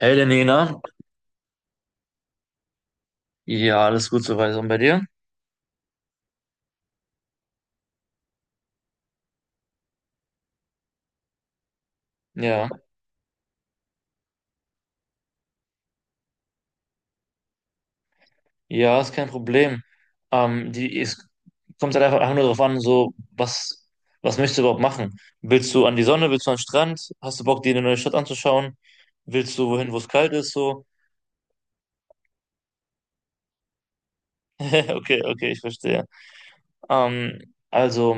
Hey, der Nena. Ja, alles gut soweit. Und bei dir? Ja. Ja, ist kein Problem. Es kommt halt einfach nur darauf an, so, was möchtest du überhaupt machen? Willst du an die Sonne? Willst du an den Strand? Hast du Bock, dir eine neue Stadt anzuschauen? Willst du wohin, wo es kalt ist? So. Okay, okay, ich verstehe. Also,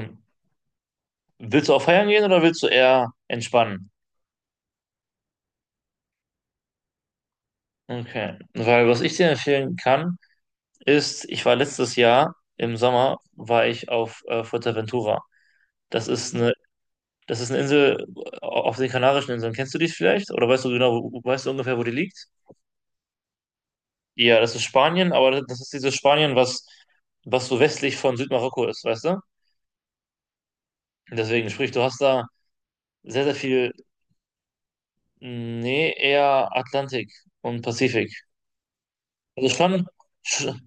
willst du auch feiern gehen oder willst du eher entspannen? Okay. Weil was ich dir empfehlen kann, ist, ich war letztes Jahr im Sommer, war ich auf Fuerteventura. Das ist eine, das ist eine Insel auf den Kanarischen Inseln. Kennst du die vielleicht? Oder weißt du ungefähr, wo die liegt? Ja, das ist Spanien, aber das ist dieses Spanien, was so westlich von Südmarokko ist, weißt du? Deswegen, sprich, du hast da sehr, sehr viel, nee, eher Atlantik und Pazifik. Also schon, sch-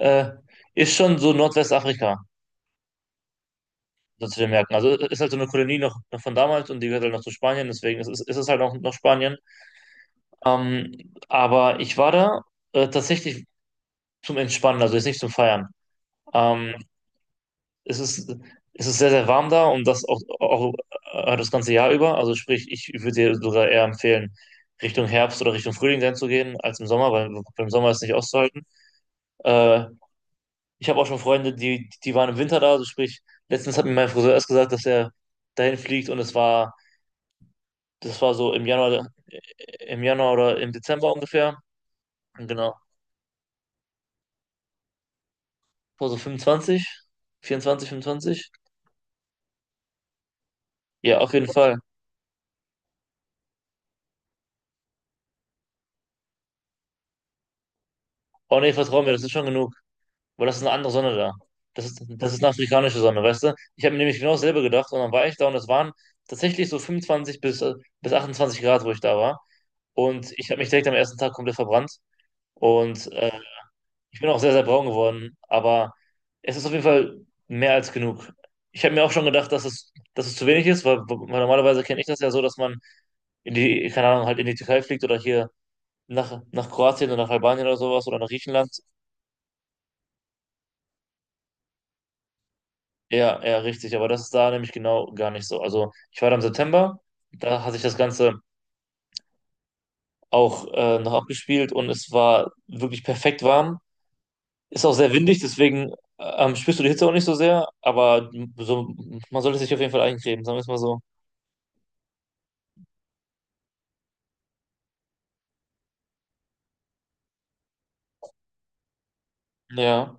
äh, ist schon so Nordwestafrika, so zu den Märkten. Also ist halt so eine Kolonie noch von damals, und die gehört halt noch zu Spanien, deswegen ist es halt auch noch Spanien. Aber ich war da tatsächlich zum Entspannen, also jetzt nicht zum Feiern. Ähm, es ist, es ist sehr, sehr warm da, und das auch das ganze Jahr über. Also sprich, ich würde dir sogar eher empfehlen, Richtung Herbst oder Richtung Frühling dann zu gehen, als im Sommer, weil im Sommer ist nicht auszuhalten. Äh, ich habe auch schon Freunde, die waren im Winter da, also sprich, letztens hat mir mein Friseur erst gesagt, dass er dahin fliegt, und das war so im Januar oder im Dezember ungefähr. Genau. Vor so 25, 24, 25. Ja, auf jeden Fall. Oh nee, vertrau mir, das ist schon genug. Aber das ist eine andere Sonne da. Das ist eine afrikanische Sonne, weißt du? Ich habe mir nämlich genau dasselbe gedacht, und dann war ich da, und es waren tatsächlich so 25 bis 28 Grad, wo ich da war. Und ich habe mich direkt am ersten Tag komplett verbrannt. Und ich bin auch sehr, sehr braun geworden. Aber es ist auf jeden Fall mehr als genug. Ich habe mir auch schon gedacht, dass es zu wenig ist, weil, normalerweise kenne ich das ja so, dass man keine Ahnung, halt in die Türkei fliegt, oder hier nach, nach Kroatien oder nach Albanien oder sowas, oder nach Griechenland. Ja, ja, richtig. Aber das ist da nämlich genau gar nicht so. Also ich war da im September, da hat sich das Ganze auch noch abgespielt, und es war wirklich perfekt warm. Ist auch sehr windig, deswegen spürst du die Hitze auch nicht so sehr, aber so, man sollte sich auf jeden Fall eincremen, sagen wir es mal so. Ja,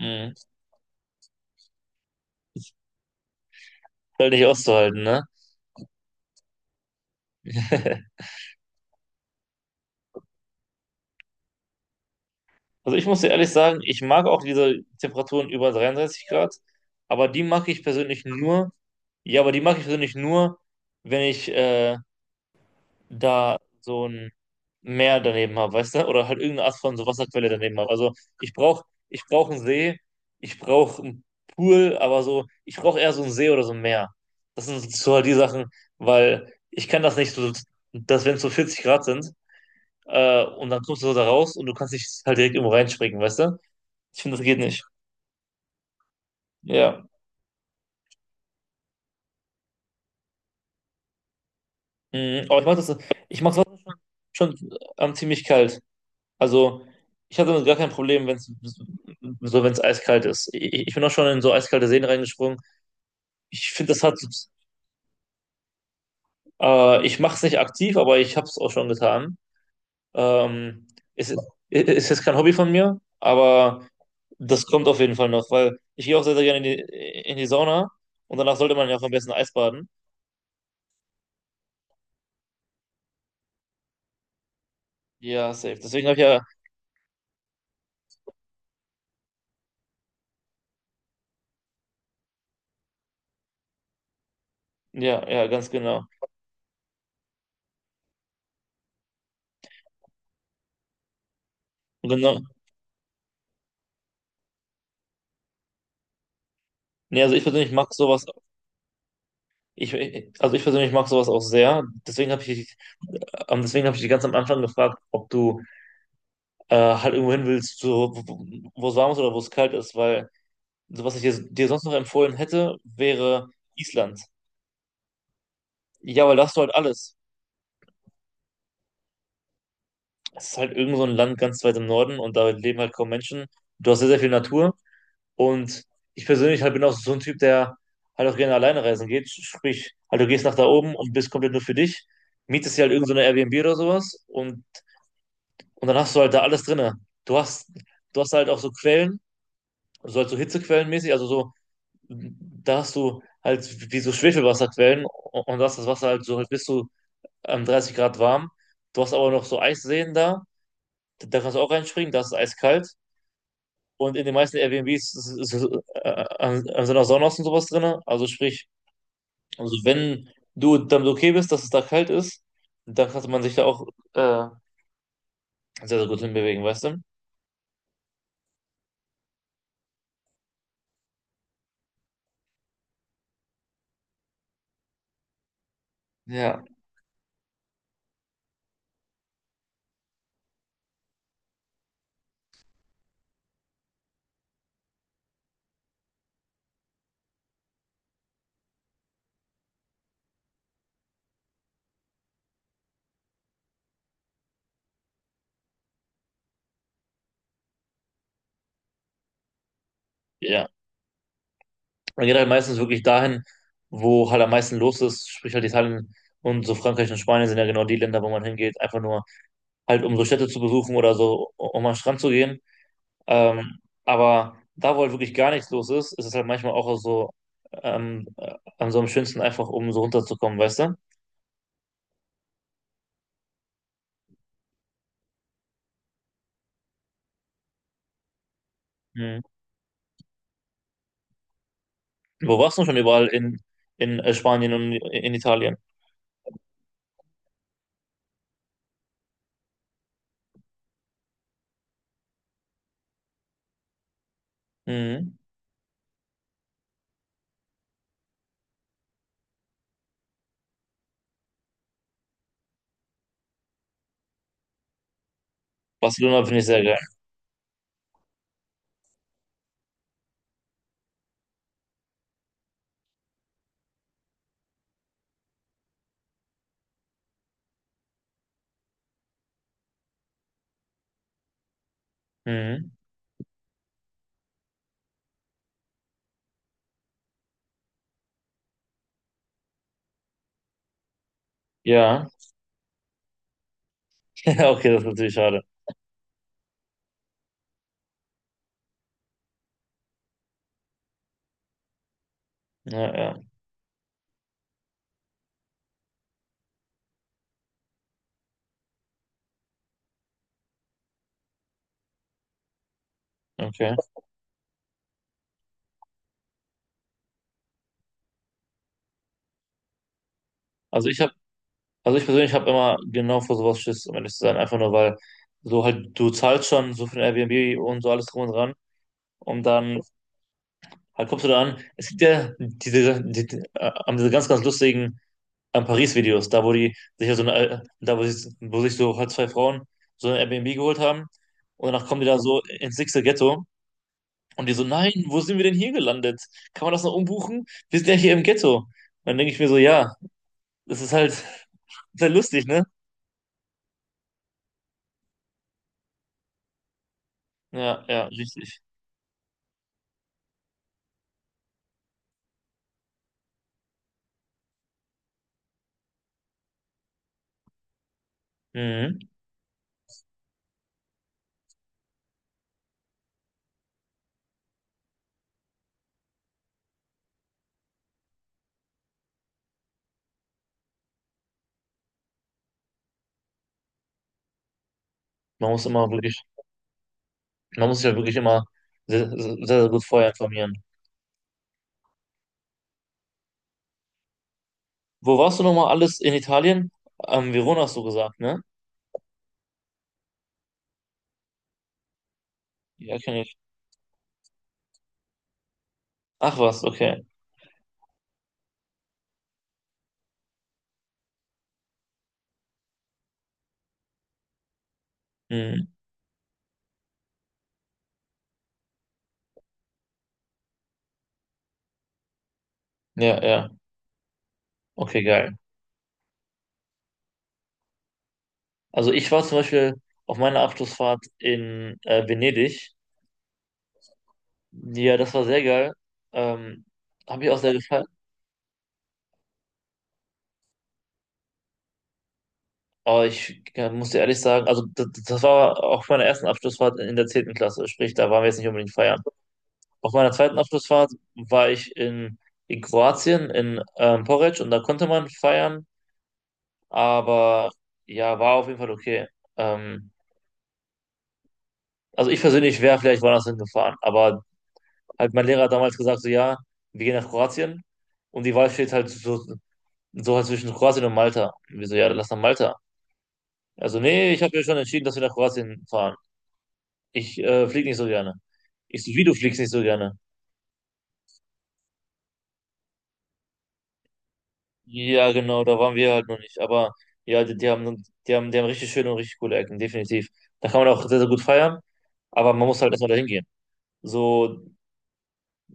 mhm. Halt nicht auszuhalten, ne? Also ich muss dir ehrlich sagen, ich mag auch diese Temperaturen über 33 Grad, aber die mag ich persönlich nur, ja, aber die mag ich persönlich nur, wenn ich da so ein Meer daneben habe, weißt du? Oder halt irgendeine Art von so Wasserquelle daneben habe. Also ich brauch einen See, ich brauche einen Pool, aber so, ich brauche eher so einen See oder so ein Meer. Das sind so halt die Sachen, weil ich kann das nicht so, dass wenn es so 40 Grad sind, und dann kommst du so da raus, und du kannst nicht halt direkt irgendwo reinspringen, weißt du? Ich finde, das geht nicht. Ja. Mhm. Ich mach's schon ziemlich kalt. Also, ich hatte damit gar kein Problem, wenn wenn es eiskalt ist. Ich bin auch schon in so eiskalte Seen reingesprungen. Ich finde, das hat, ich mache es nicht aktiv, aber ich habe es auch schon getan. Ähm, es ist, ist jetzt kein Hobby von mir, aber das kommt auf jeden Fall noch, weil ich gehe auch sehr, sehr gerne in die Sauna, und danach sollte man ja auch am besten Eis baden. Ja, safe. Deswegen habe ich ja, ja, ja, ganz genau. Und genau. Nee, also ich persönlich mag sowas. Ich persönlich mag sowas auch sehr. Deswegen habe ich dich ganz am Anfang gefragt, ob du halt irgendwo hin willst, so, wo es warm ist oder wo es kalt ist, weil so, was ich dir sonst noch empfohlen hätte, wäre Island. Ja, weil da hast du halt alles. Es ist halt irgend so ein Land ganz weit im Norden, und da leben halt kaum Menschen. Du hast sehr, sehr viel Natur, und ich persönlich halt bin auch so ein Typ, der halt auch gerne alleine reisen geht. Sprich, halt du gehst nach da oben und bist komplett nur für dich, mietest dir halt irgend so eine Airbnb oder sowas, und dann hast du halt da alles drinne. Du hast, du hast halt auch so Quellen, so halt so Hitzequellenmäßig, also so, da hast du halt wie so Schwefelwasserquellen, und das Wasser halt so halt bis zu 30 Grad warm. Du hast aber noch so Eisseen da, da kannst du auch reinspringen, da ist es eiskalt. Und in den meisten Airbnbs sind auch Saunas und sowas drin. Also sprich, also wenn du damit okay bist, dass es da kalt ist, dann kann man sich da auch äh, sehr, sehr gut hinbewegen, weißt du? Ja. Ja. Man geht halt meistens wirklich dahin, wo halt am meisten los ist, sprich halt Italien und so, Frankreich und Spanien sind ja genau die Länder, wo man hingeht, einfach nur halt um so Städte zu besuchen oder so, um an den Strand zu gehen. Ähm, aber da, wo halt wirklich gar nichts los ist, ist es halt manchmal auch so an so am schönsten einfach, um so runterzukommen, weißt du? Mhm. Wo warst du schon überall in Spanien und in Italien? Mhm. Barcelona finde ich sehr geil. Mhm. Ja, ja, okay, das ist natürlich schade. Ja, ja, okay. Also ich habe, also ich persönlich habe immer genau vor sowas Schiss, um ehrlich zu sein, einfach nur, weil so halt du zahlst schon so für ein Airbnb und so, alles drum und dran, und dann halt kommst du da an. Es gibt ja diese, die haben diese ganz, ganz lustigen Paris-Videos, da wo sich so halt zwei Frauen so ein Airbnb geholt haben, und danach kommen die da so ins nächste Ghetto. Und die so, nein, wo sind wir denn hier gelandet? Kann man das noch umbuchen? Wir sind ja hier im Ghetto. Und dann denke ich mir so, ja, das ist halt sehr lustig, ne? Ja, ja, richtig. Mhm. Man muss immer wirklich, man muss sich ja wirklich immer sehr, sehr, sehr gut vorher informieren. Wo warst du nochmal alles in Italien? Verona hast du gesagt, ne? Ja, kenne ich. Ach was, okay. Mhm. Ja, ja. Okay, geil. Also ich war zum Beispiel auf meiner Abschlussfahrt in Venedig. Ja, das war sehr geil. Ähm, Habe ich auch sehr gefallen. Aber ich muss dir ehrlich sagen, also das war auf meiner ersten Abschlussfahrt in der 10. Klasse, sprich, da waren wir jetzt nicht unbedingt feiern. Auf meiner zweiten Abschlussfahrt war ich in, Kroatien, in Poreč, und da konnte man feiern, aber ja, war auf jeden Fall okay. Ähm, also ich persönlich wäre vielleicht woanders hingefahren, aber halt mein Lehrer hat damals gesagt, so ja, wir gehen nach Kroatien, und die Wahl steht halt so halt zwischen Kroatien und Malta. Und wir so, ja, dann lass nach Malta. Also nee, ich habe ja schon entschieden, dass wir nach Kroatien fahren. Ich flieg nicht so gerne. Ich so, wie du fliegst nicht so gerne. Ja, genau, da waren wir halt noch nicht. Aber ja, die, die haben richtig schöne und richtig coole Ecken, definitiv. Da kann man auch sehr, sehr gut feiern, aber man muss halt erstmal dahin gehen. So,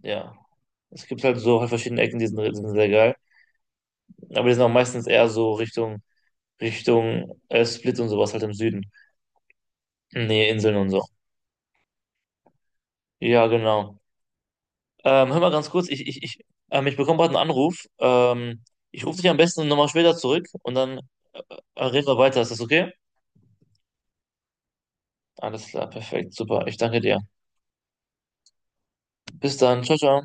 ja. Es gibt halt so verschiedene Ecken, die sind sehr geil. Aber die sind auch meistens eher so Richtung, Richtung Split und sowas halt im Süden. Nee, Inseln und so. Ja, genau. Hör mal ganz kurz, ich bekomme gerade einen Anruf. Ich rufe dich am besten nochmal später zurück, und dann äh, reden wir weiter. Ist das okay? Alles klar, perfekt, super. Ich danke dir. Bis dann, ciao, ciao.